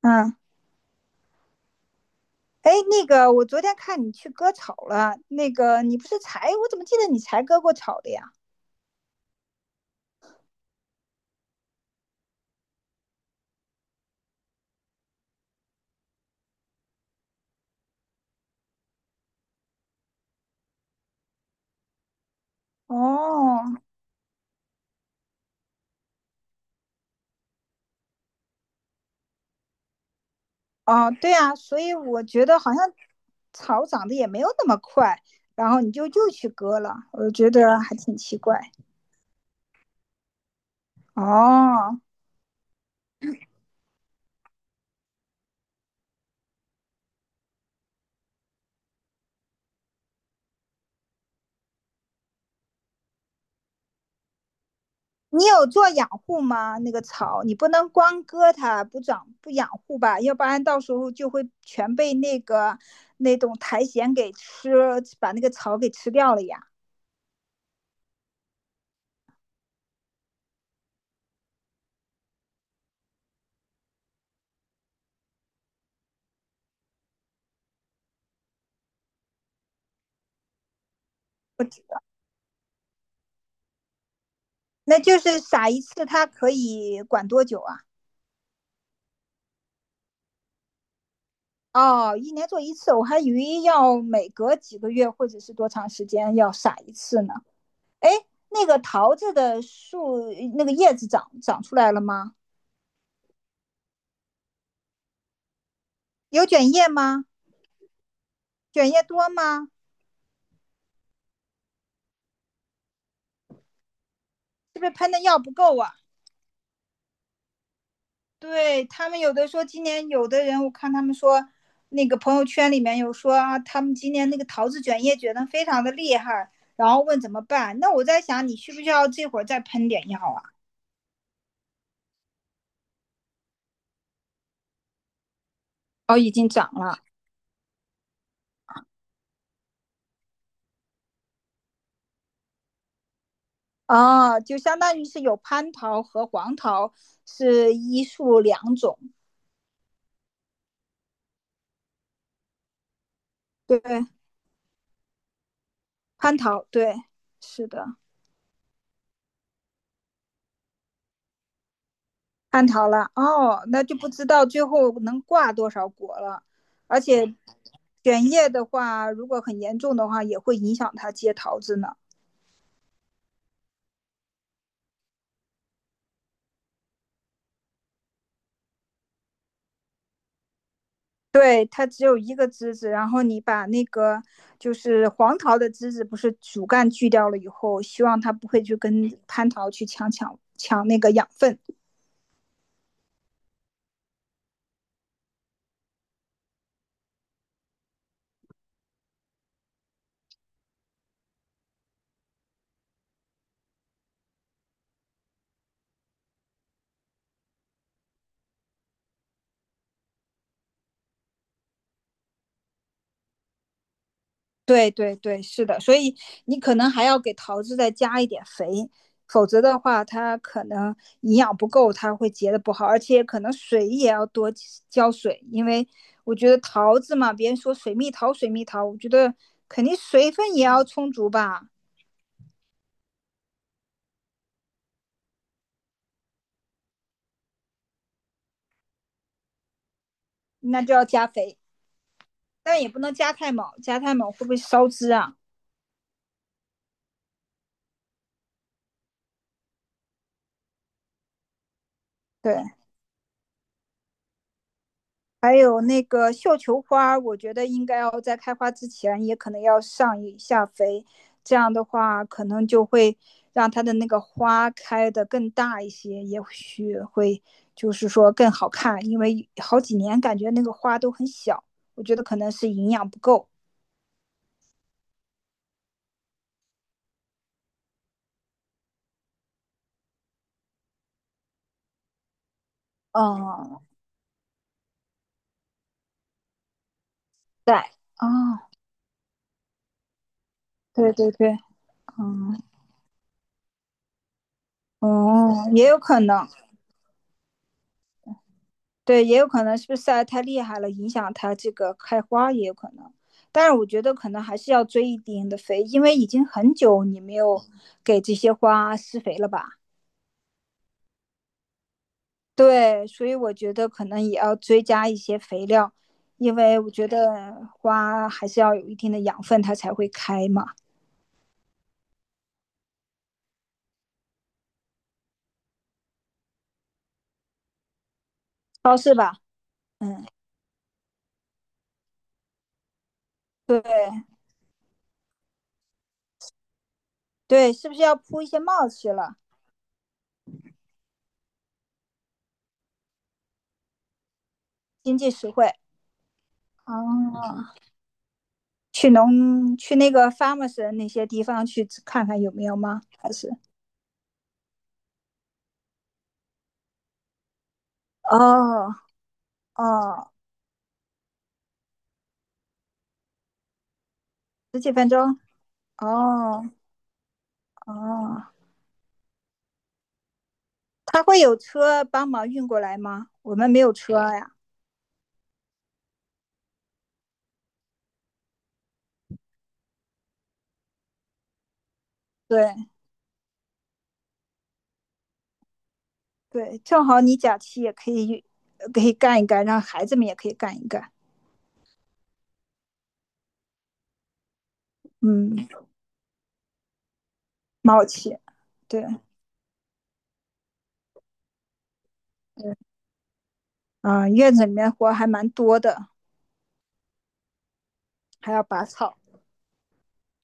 嗯，哎，那个，我昨天看你去割草了，那个你不是才，我怎么记得你才割过草的呀？哦，哦，对啊，所以我觉得好像草长得也没有那么快，然后你就又去割了，我觉得还挺奇怪。哦，你有做养护吗？那个草，你不能光割它不长不养护吧，要不然到时候就会全被那个那种苔藓给吃，把那个草给吃掉了呀。不止，那就是撒一次，它可以管多久啊？哦，一年做一次，我还以为要每隔几个月或者是多长时间要撒一次呢。哎，那个桃子的树那个叶子长长出来了吗？有卷叶吗？卷叶多吗？是不是喷的药不够啊？对他们有的说，今年有的人我看他们说，那个朋友圈里面有说啊，他们今年那个桃子卷叶卷的非常的厉害，然后问怎么办。那我在想，你需不需要这会儿再喷点药啊？哦，已经长了哦，就相当于是有蟠桃和黄桃是一树两种。对，蟠桃，对，是的，蟠桃了。哦，那就不知道最后能挂多少果了，而且卷叶的话，如果很严重的话，也会影响它结桃子呢。对，它只有一个枝子，然后你把那个就是黄桃的枝子，不是主干锯掉了以后，希望它不会去跟蟠桃去抢那个养分。对对对，是的，所以你可能还要给桃子再加一点肥，否则的话，它可能营养不够，它会结的不好，而且可能水也要多浇水，因为我觉得桃子嘛，别人说水蜜桃水蜜桃，我觉得肯定水分也要充足吧，那就要加肥，但也不能加太猛，加太猛会不会烧枝啊？对，还有那个绣球花，我觉得应该要在开花之前，也可能要上一下肥，这样的话可能就会让它的那个花开的更大一些，也许会就是说更好看，因为好几年感觉那个花都很小，我觉得可能是营养不够。嗯，对，哦，对对对，嗯，哦、也有可能，对，也有可能是不是晒得太厉害了，影响它这个开花也有可能。但是我觉得可能还是要追一定的肥，因为已经很久你没有给这些花施肥了吧？对，所以我觉得可能也要追加一些肥料，因为我觉得花还是要有一定的养分，它才会开嘛。超市吧，嗯，对对，是不是要铺一些帽子了？经济实惠。哦，去那个 farmers 那些地方去看看有没有吗？还是哦哦，十几分钟哦哦，他会有车帮忙运过来吗？我们没有车呀。对对，正好你假期也可以可以干一干，让孩子们也可以干一干。嗯，蛮好奇对啊、院子里面活还蛮多的，还要拔草、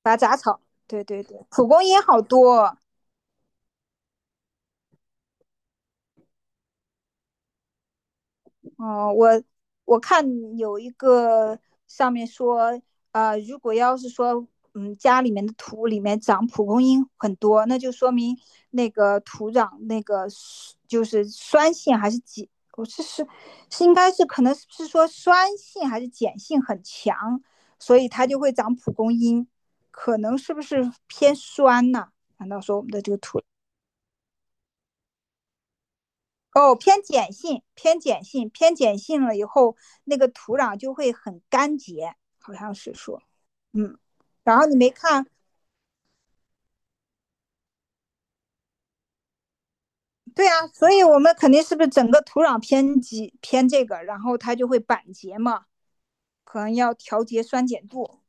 拔杂草。对对对，蒲公英好多，哦，我看有一个上面说，如果要是说，嗯，家里面的土里面长蒲公英很多，那就说明那个土壤那个是就是酸性还是碱，我是应该是可能是说酸性还是碱性很强，所以它就会长蒲公英，可能是不是偏酸呐、难道说我们的这个土哦，偏碱性，偏碱性，偏碱性了以后，那个土壤就会很干结，好像是说，嗯，然后你没看，对啊，所以我们肯定是不是整个土壤偏极偏这个，然后它就会板结嘛，可能要调节酸碱度，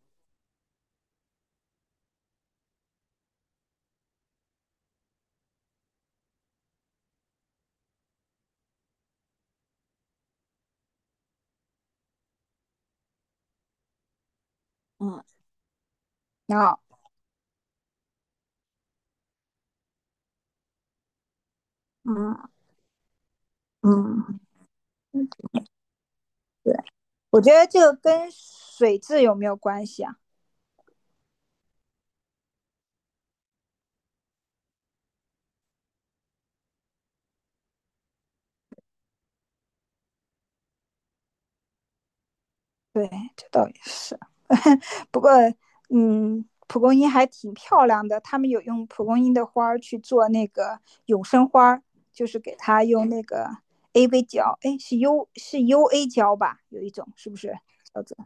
嗯，啊，嗯嗯，对，我觉得这个跟水质有没有关系啊？对，这倒也是。不过，嗯，蒲公英还挺漂亮的，他们有用蒲公英的花儿去做那个永生花就是给它用那个 AV 胶，哎，是 U 是 UA 胶吧？有一种是不是叫做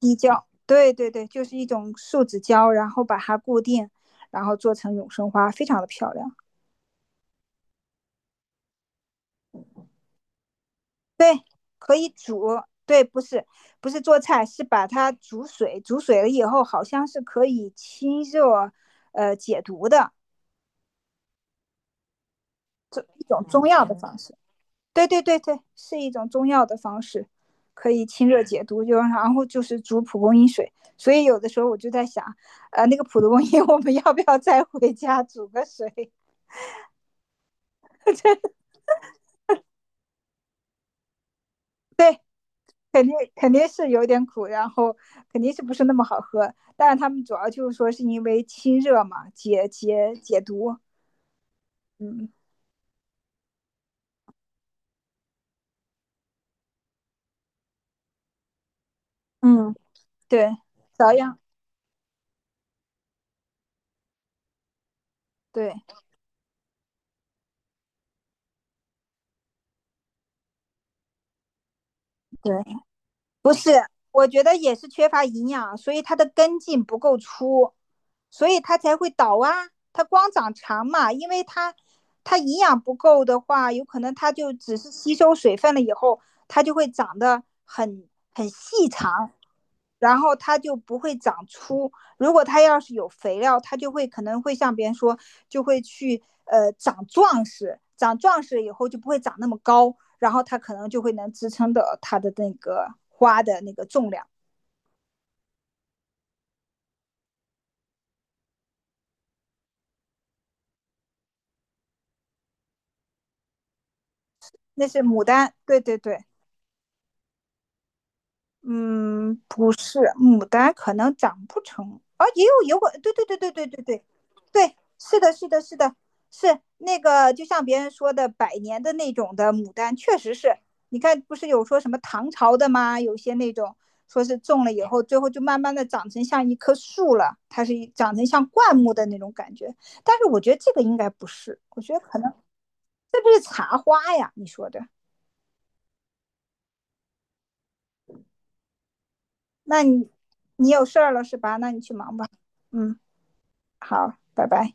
滴胶？对对对，就是一种树脂胶，然后把它固定，然后做成永生花，非常的漂亮，可以煮。对，不是不是做菜，是把它煮水，煮水了以后好像是可以清热，解毒的，这一种中药的方式。对对对对，是一种中药的方式，可以清热解毒，就然后就是煮蒲公英水。所以有的时候我就在想，那个蒲公英我们要不要再回家煮个水？对，肯定肯定是有点苦，然后肯定是不是那么好喝。但是他们主要就是说是因为清热嘛，解毒。嗯嗯，对，芍药，对对。我觉得也是缺乏营养，所以它的根茎不够粗，所以它才会倒啊。它光长长嘛，因为它营养不够的话，有可能它就只是吸收水分了以后，它就会长得很细长，然后它就不会长粗。如果它要是有肥料，它就会可能会像别人说，就会去长壮实，长壮实以后就不会长那么高，然后它可能就会能支撑到它的那个花的那个重量。那是牡丹，对对对，嗯，不是牡丹，可能长不成啊，也有有果，对对对对对对对，对，是的，是的，是的，是那个，就像别人说的，百年的那种的牡丹，确实是。你看，不是有说什么唐朝的吗？有些那种说是种了以后，最后就慢慢的长成像一棵树了，它是一长成像灌木的那种感觉。但是我觉得这个应该不是，我觉得可能是不是茶花呀？你说的那你有事儿了是吧？那你去忙吧。嗯，好，拜拜。